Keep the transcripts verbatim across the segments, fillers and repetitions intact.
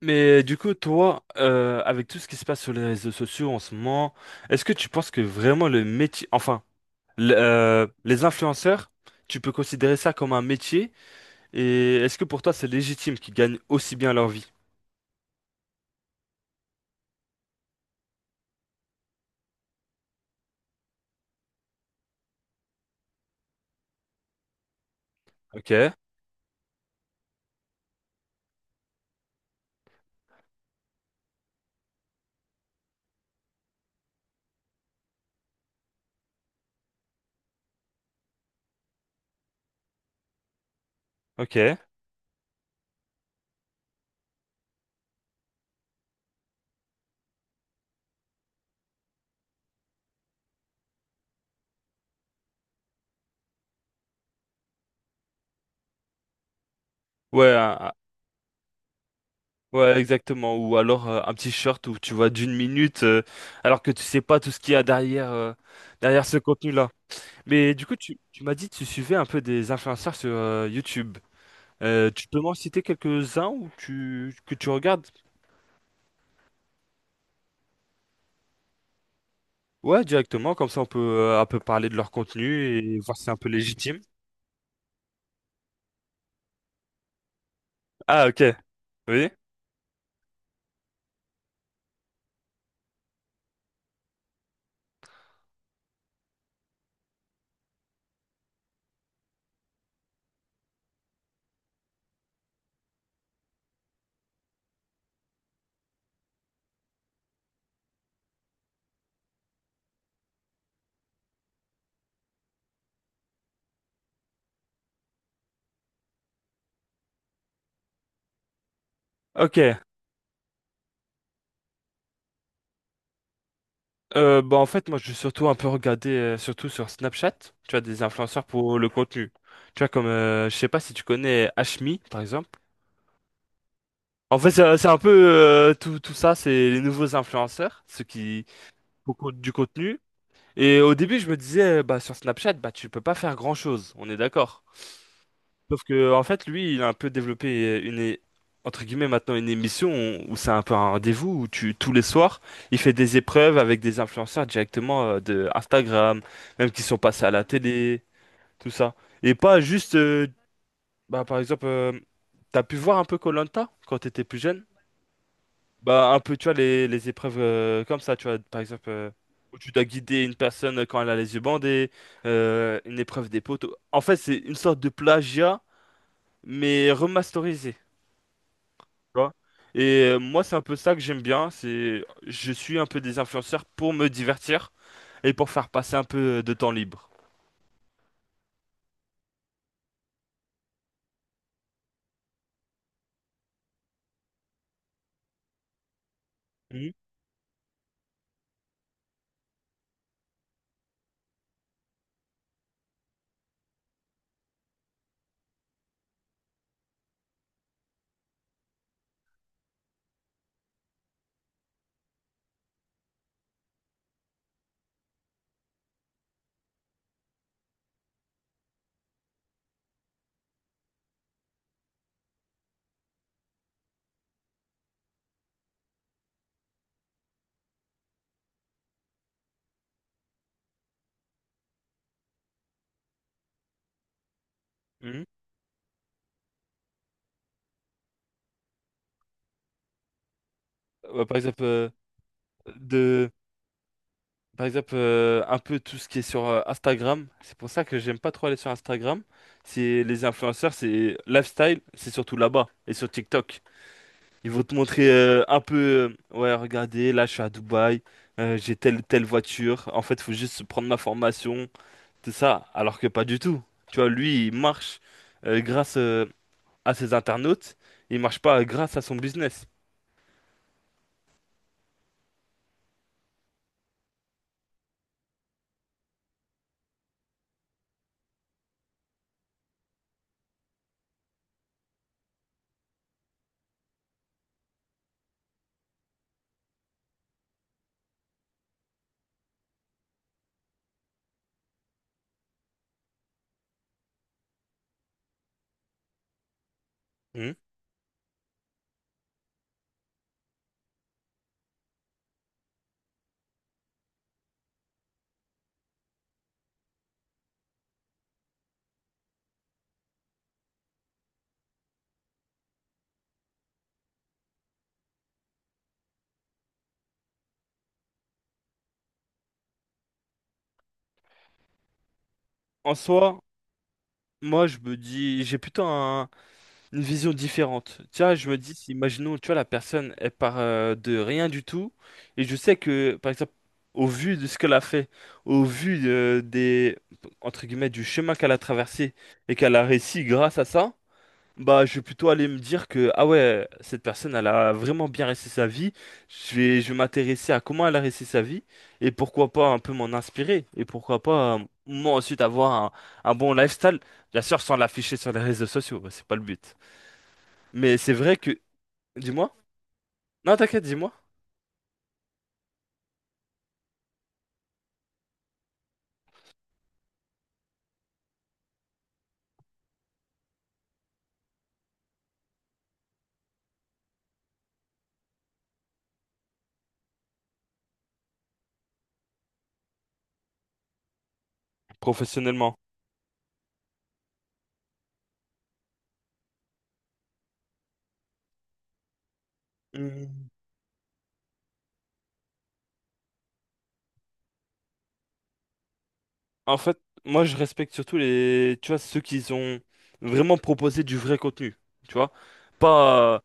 Mais du coup, toi, euh, avec tout ce qui se passe sur les réseaux sociaux en ce moment, est-ce que tu penses que vraiment le métier, enfin, le- euh, les influenceurs, tu peux considérer ça comme un métier? Et est-ce que pour toi, c'est légitime qu'ils gagnent aussi bien leur vie? Ok, ok. Ouais, un- ouais, exactement. Ou alors euh, un petit short où tu vois d'une minute, euh, alors que tu sais pas tout ce qu'il y a derrière, euh, derrière ce contenu-là. Mais du coup, tu, tu m'as dit que tu suivais un peu des influenceurs sur euh, YouTube. Euh, tu peux m'en citer quelques-uns ou tu, que tu regardes? Ouais, directement, comme ça on peut euh, un peu parler de leur contenu et voir si c'est un peu légitime. Ah, ok, oui. Ok. Euh, bah en fait, moi je vais surtout un peu regarder, euh, surtout sur Snapchat, tu as des influenceurs pour le contenu. Tu vois, comme, euh, je sais pas si tu connais Hashmi, par exemple. En fait, c'est c'est un peu euh, tout, tout ça, c'est les nouveaux influenceurs, ceux qui beaucoup du contenu. Et au début, je me disais, bah sur Snapchat, bah tu peux pas faire grand-chose, on est d'accord. Sauf que, en fait, lui, il a un peu développé une, é- entre guillemets, maintenant une émission où c'est un peu un rendez-vous où tu, tous les soirs, il fait des épreuves avec des influenceurs directement euh, de Instagram, même qui sont passés à la télé, tout ça. Et pas juste, euh, bah, par exemple, euh, t'as pu voir un peu koh quand t'étais plus jeune? Bah, un peu, tu vois, les, les épreuves euh, comme ça, tu vois, par exemple, euh, où tu dois guider une personne quand elle a les yeux bandés, euh, une épreuve des poteaux. En fait, c'est une sorte de plagiat, mais remasterisé. Tu vois. Et euh, moi, c'est un peu ça que j'aime bien, c'est je suis un peu des influenceurs pour me divertir et pour faire passer un peu de temps libre. Mhm, mhm. Euh, par exemple, euh, de, par exemple euh, un peu tout ce qui est sur euh, Instagram. C'est pour ça que j'aime pas trop aller sur Instagram. C'est les influenceurs, c'est lifestyle, c'est surtout là-bas et sur TikTok. Ils vont te montrer euh, un peu, euh, ouais, regardez, là je suis à Dubaï, euh, j'ai telle telle voiture. En fait, faut juste prendre ma formation. C'est ça, alors que pas du tout. Tu vois, lui, il marche euh, grâce euh, à ses internautes, il marche pas grâce à son business. Hmm. En soi, moi, je me dis, j'ai plutôt un- une vision différente. Tiens, je me dis, si, imaginons, tu vois, la personne, elle part euh, de rien du tout, et je sais que, par exemple, au vu de ce qu'elle a fait, au vu euh, des, entre guillemets, du chemin qu'elle a traversé, et qu'elle a réussi grâce à ça. Bah, je vais plutôt aller me dire que, ah ouais, cette personne, elle a vraiment bien réussi sa vie. Je vais, je vais m'intéresser à comment elle a réussi sa vie et pourquoi pas un peu m'en inspirer et pourquoi pas, euh, moi ensuite, avoir un, un bon lifestyle. Bien sûr, sans l'afficher sur les réseaux sociaux, bah, c'est pas le but. Mais c'est vrai que, dis-moi, non, t'inquiète, dis-moi, professionnellement. Hmm, en fait, moi, je respecte surtout les, tu vois, ceux qui ont vraiment proposé du vrai contenu, tu vois. pas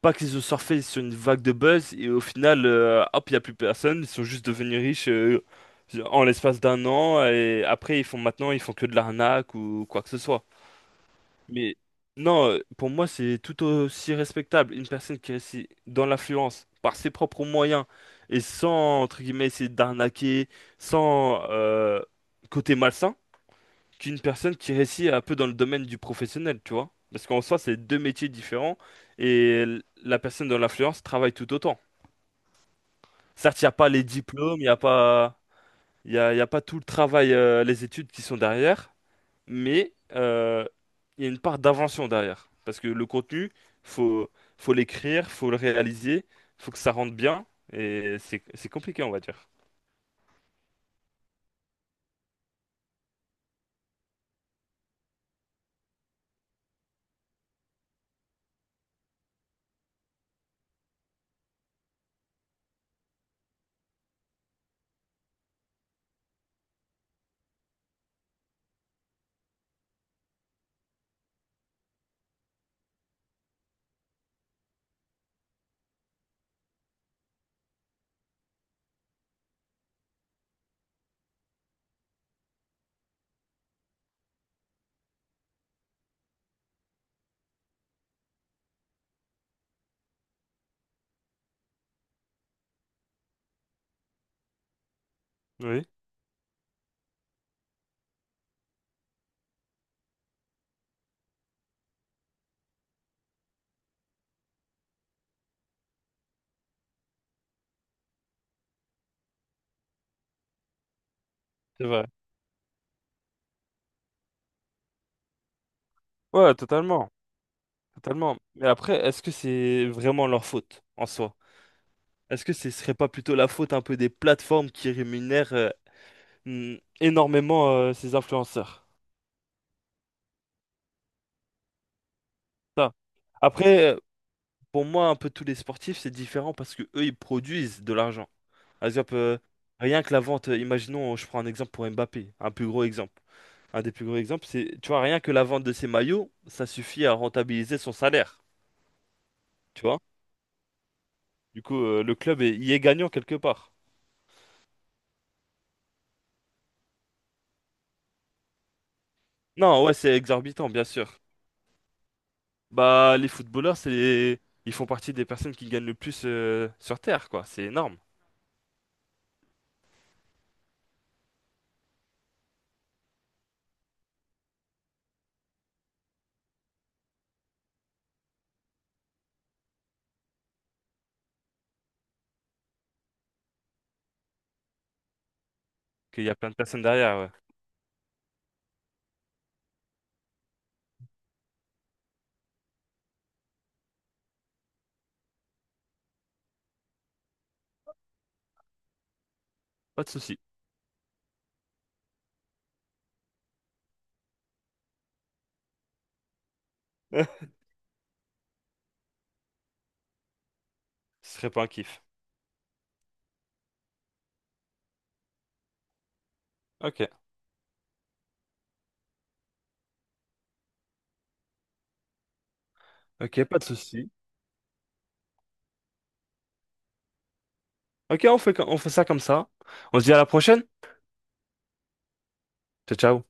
pas qu'ils ont surfé sur une vague de buzz et au final, euh, hop, il n'y a plus personne. Ils sont juste devenus riches euh, en l'espace d'un an et après, ils font maintenant, ils font que de l'arnaque ou quoi que ce soit. Mais non, euh, pour moi, c'est tout aussi respectable. Une personne qui réussit dans l'influence par ses propres moyens et sans, entre guillemets, essayer d'arnaquer, sans euh, côté malsain, qu'une personne qui réussit un peu dans le domaine du professionnel, tu vois. Parce qu'en soi, c'est deux métiers différents et l- la personne dans l'influence travaille tout autant. Certes, il n'y a pas les diplômes, il n'y a pas, il y a, il y a pas tout le travail, euh, les études qui sont derrière, mais euh, il y a une part d'invention derrière. Parce que le contenu, faut, faut l'écrire, faut le réaliser, faut que ça rentre bien et c'est, c'est compliqué, on va dire. Oui, c'est vrai. Ouais, totalement, totalement. Mais après, est-ce que c'est vraiment leur faute en soi? Est-ce que ce serait pas plutôt la faute un peu des plateformes qui rémunèrent euh, mm, énormément euh, ces influenceurs? Ça. Après, euh, pour moi, un peu tous les sportifs, c'est différent parce que eux, ils produisent de l'argent. Par exemple, euh, rien que la vente, euh, imaginons, je prends un exemple pour Mbappé, un plus gros exemple. Un des plus gros exemples, c'est, tu vois, rien que la vente de ses maillots, ça suffit à rentabiliser son salaire, tu vois? Du coup, euh, le club est- y est gagnant quelque part. Non, ouais, c'est exorbitant, bien sûr. Bah, les footballeurs, c'est les- ils font partie des personnes qui gagnent le plus euh, sur Terre, quoi. C'est énorme qu'il y a plein de personnes derrière, ouais. Pas de souci. Ce serait pas un kiff. Ok. Ok, pas de souci. Ok, on fait, co- on fait ça comme ça. On se dit à la prochaine. Ciao, ciao.